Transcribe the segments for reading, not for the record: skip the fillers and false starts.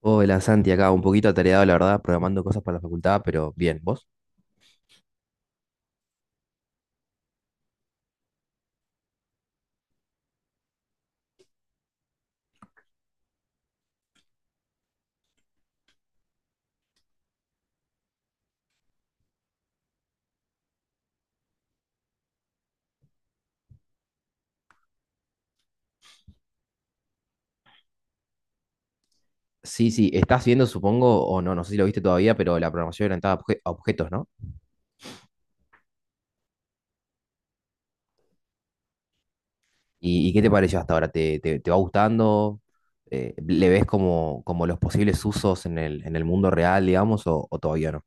Hola Santi, acá un poquito atareado, la verdad, programando cosas para la facultad, pero bien, ¿vos? Sí, sí, estás viendo, supongo, o no, no sé si lo viste todavía, pero la programación orientada a objetos, ¿no? ¿Y qué te pareció hasta ahora? ¿Te va gustando? ¿Le ves como los posibles usos en en el mundo real, digamos, o todavía no?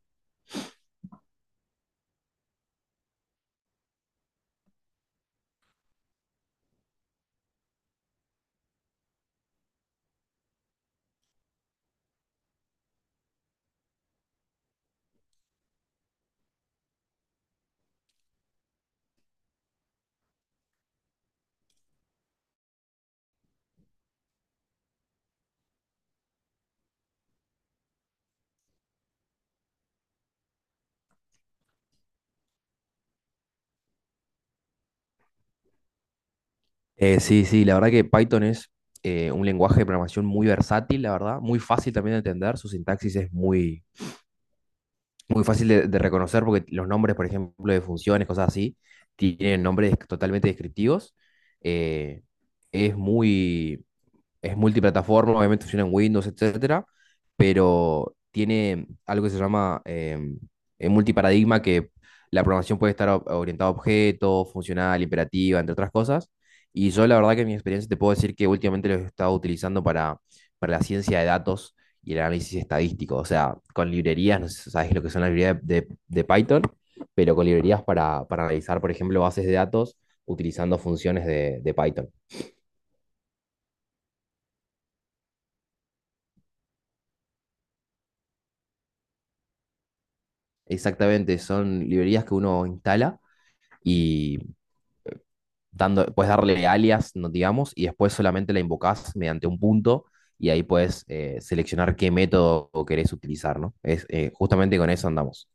Sí, sí, la verdad que Python es un lenguaje de programación muy versátil, la verdad, muy fácil también de entender. Su sintaxis es muy fácil de reconocer, porque los nombres, por ejemplo, de funciones, cosas así, tienen nombres totalmente descriptivos. eh, es muy, es multiplataforma, obviamente funciona en Windows, etcétera, pero tiene algo que se llama multiparadigma, que la programación puede estar orientada a objetos, funcional, imperativa, entre otras cosas. Y yo la verdad que, en mi experiencia, te puedo decir que últimamente lo he estado utilizando para, la ciencia de datos y el análisis estadístico. O sea, con librerías, no sé si sabes lo que son las librerías de Python, pero con librerías para, analizar, por ejemplo, bases de datos utilizando funciones de Python. Exactamente, son librerías que uno instala y, puedes darle alias, no digamos, y después solamente la invocás mediante un punto, y ahí puedes seleccionar qué método querés utilizar, ¿no? Justamente con eso andamos.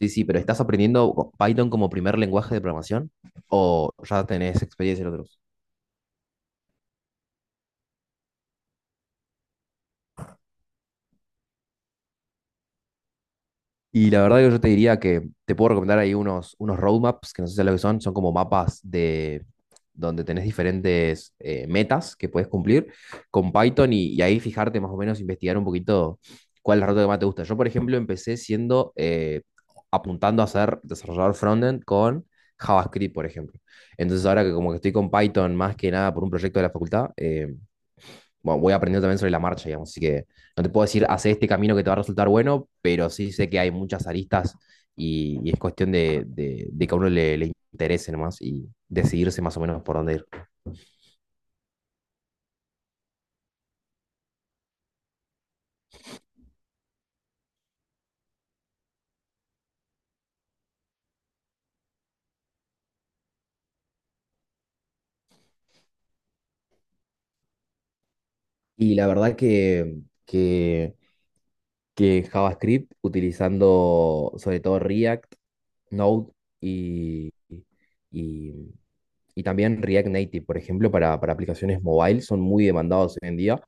Sí, sí, pero ¿estás aprendiendo Python como primer lenguaje de programación, o ya tenés experiencia en otros? Y la verdad que yo te diría que te puedo recomendar ahí unos, roadmaps, que no sé si es lo que son, son como mapas de donde tenés diferentes metas que puedes cumplir con Python, y ahí fijarte más o menos, investigar un poquito cuál es la ruta que más te gusta. Yo, por ejemplo, empecé apuntando a ser desarrollador frontend con JavaScript, por ejemplo. Entonces ahora, que como que estoy con Python más que nada por un proyecto de la facultad, bueno, voy aprendiendo también sobre la marcha, digamos. Así que no te puedo decir, hace este camino que te va a resultar bueno, pero sí sé que hay muchas aristas, y es cuestión de que a uno le interese nomás y decidirse más o menos por dónde ir. Y la verdad que, que que JavaScript, utilizando sobre todo React, Node, y, y, y también React Native, por ejemplo, para aplicaciones mobile, son muy demandados hoy en día,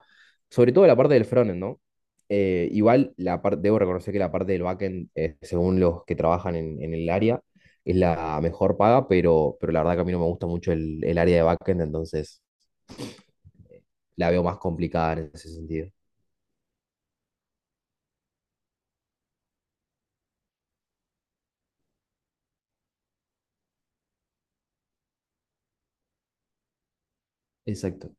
sobre todo la parte del frontend, ¿no? Igual, la parte, debo reconocer que la parte del backend, según los que trabajan en, el área, es la mejor paga, pero la verdad que a mí no me gusta mucho el área de backend, entonces la veo más complicada en ese sentido. Exacto.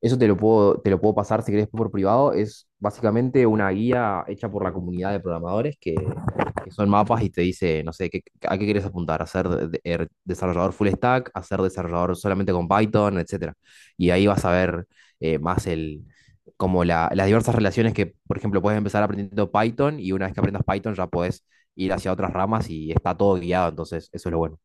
Eso te lo puedo pasar si querés por privado. Es básicamente una guía hecha por la comunidad de programadores, que son mapas, y te dice, no sé, a qué quieres apuntar: a ser desarrollador full stack, a ser desarrollador solamente con Python, etcétera. Y ahí vas a ver más como las diversas relaciones, que, por ejemplo, puedes empezar aprendiendo Python, y una vez que aprendas Python ya puedes ir hacia otras ramas, y está todo guiado, entonces eso es lo bueno.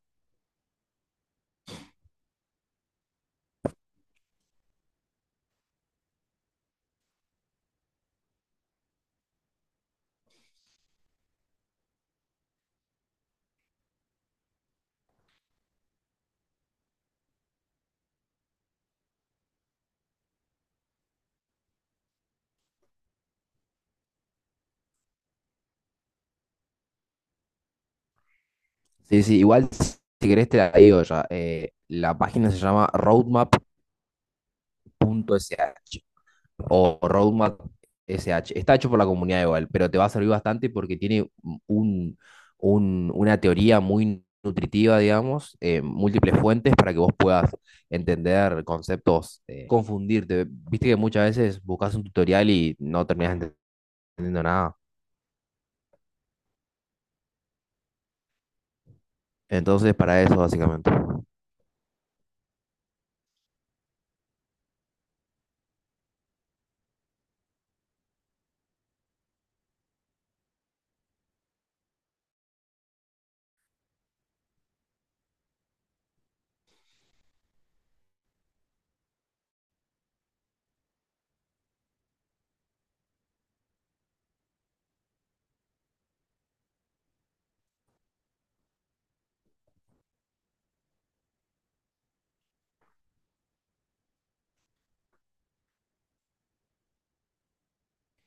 Sí, sí, igual si querés te la digo ya. La página se llama roadmap.sh, o roadmap.sh. Está hecho por la comunidad igual, pero te va a servir bastante porque tiene un, una teoría muy nutritiva, digamos, múltiples fuentes para que vos puedas entender conceptos, confundirte. Viste que muchas veces buscas un tutorial y no terminas entendiendo nada. Entonces, para eso, básicamente.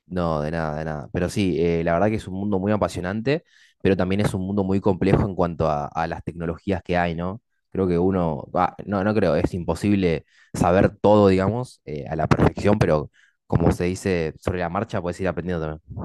No, de nada, de nada. Pero sí, la verdad que es un mundo muy apasionante, pero también es un mundo muy complejo en cuanto a, las tecnologías que hay, ¿no? Creo que uno, no, no creo, es imposible saber todo, digamos, a la perfección, pero, como se dice, sobre la marcha puedes ir aprendiendo también.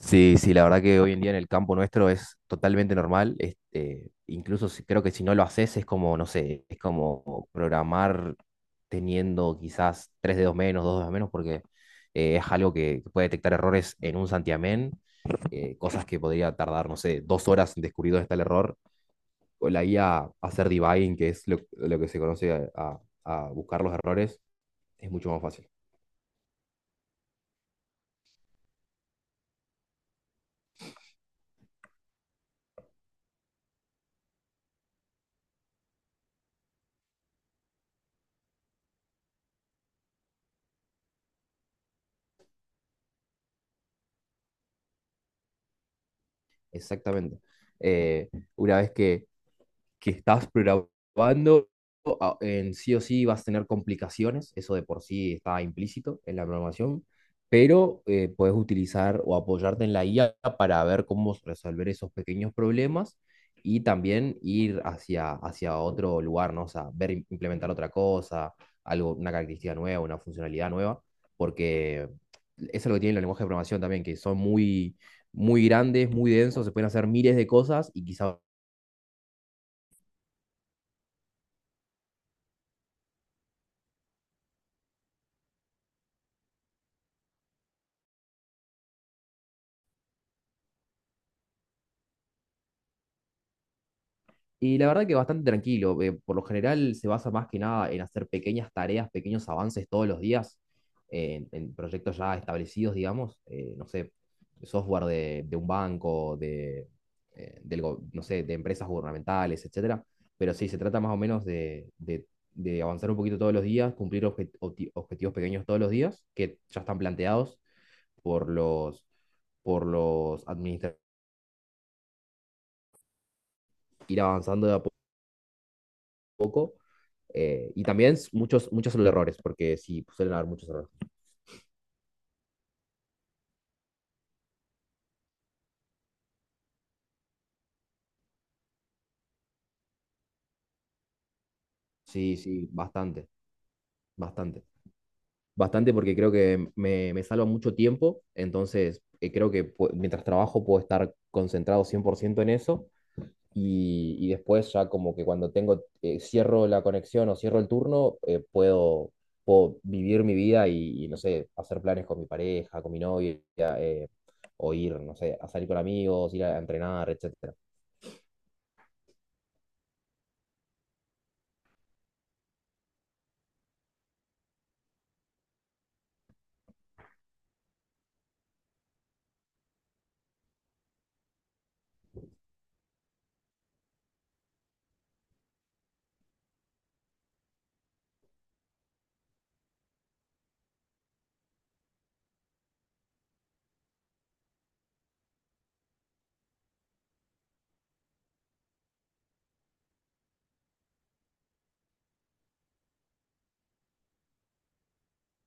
Sí, sí, la verdad que hoy en día en el campo nuestro es totalmente normal. Incluso, creo que si no lo haces es como, no sé, es como programar teniendo quizás tres dedos menos, dos dedos menos, porque es algo que, puede detectar errores en un santiamén, cosas que podría tardar, no sé, dos horas en descubrir dónde está el error. O la IA hacer debugging, que es lo, que se conoce a, a buscar los errores, es mucho más fácil. Exactamente. Eh, una vez que, estás programando, en sí o sí vas a tener complicaciones, eso de por sí está implícito en la programación, pero puedes utilizar o apoyarte en la IA para ver cómo resolver esos pequeños problemas, y también ir hacia, otro lugar, ¿no? O sea, ver implementar otra cosa, algo, una característica nueva, una funcionalidad nueva, porque eso es lo que tiene el lenguaje de programación también, que son muy, muy grandes, muy densos, se pueden hacer miles de cosas y quizás... Y la verdad que bastante tranquilo. Por lo general se basa más que nada en hacer pequeñas tareas, pequeños avances todos los días, en proyectos ya establecidos, digamos. No sé, software de, un banco, no sé, de empresas gubernamentales, etcétera. Pero sí, se trata más o menos de, de avanzar un poquito todos los días, cumplir objetivos pequeños todos los días que ya están planteados por los, administradores, ir avanzando de a poco. Y también muchos, son los errores, porque sí, suelen haber muchos errores. Sí, sí, bastante, bastante. Bastante, porque creo que me, salva mucho tiempo, entonces creo que mientras trabajo puedo estar concentrado 100% en eso, y, después, ya como que cuando cierro la conexión o cierro el turno, puedo, vivir mi vida y, no sé, hacer planes con mi pareja, con mi novia, eh, o ir, no sé, a salir con amigos, ir a entrenar, etc.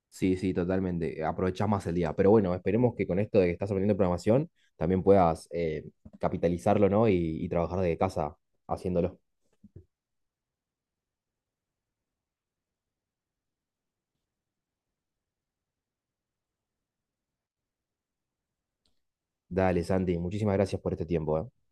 Sí, sí, totalmente. Aprovechás más el día. Pero bueno, esperemos que, con esto de que estás aprendiendo programación, también puedas capitalizarlo, ¿no? Y trabajar desde casa haciéndolo. Dale, Santi, muchísimas gracias por este tiempo, ¿eh?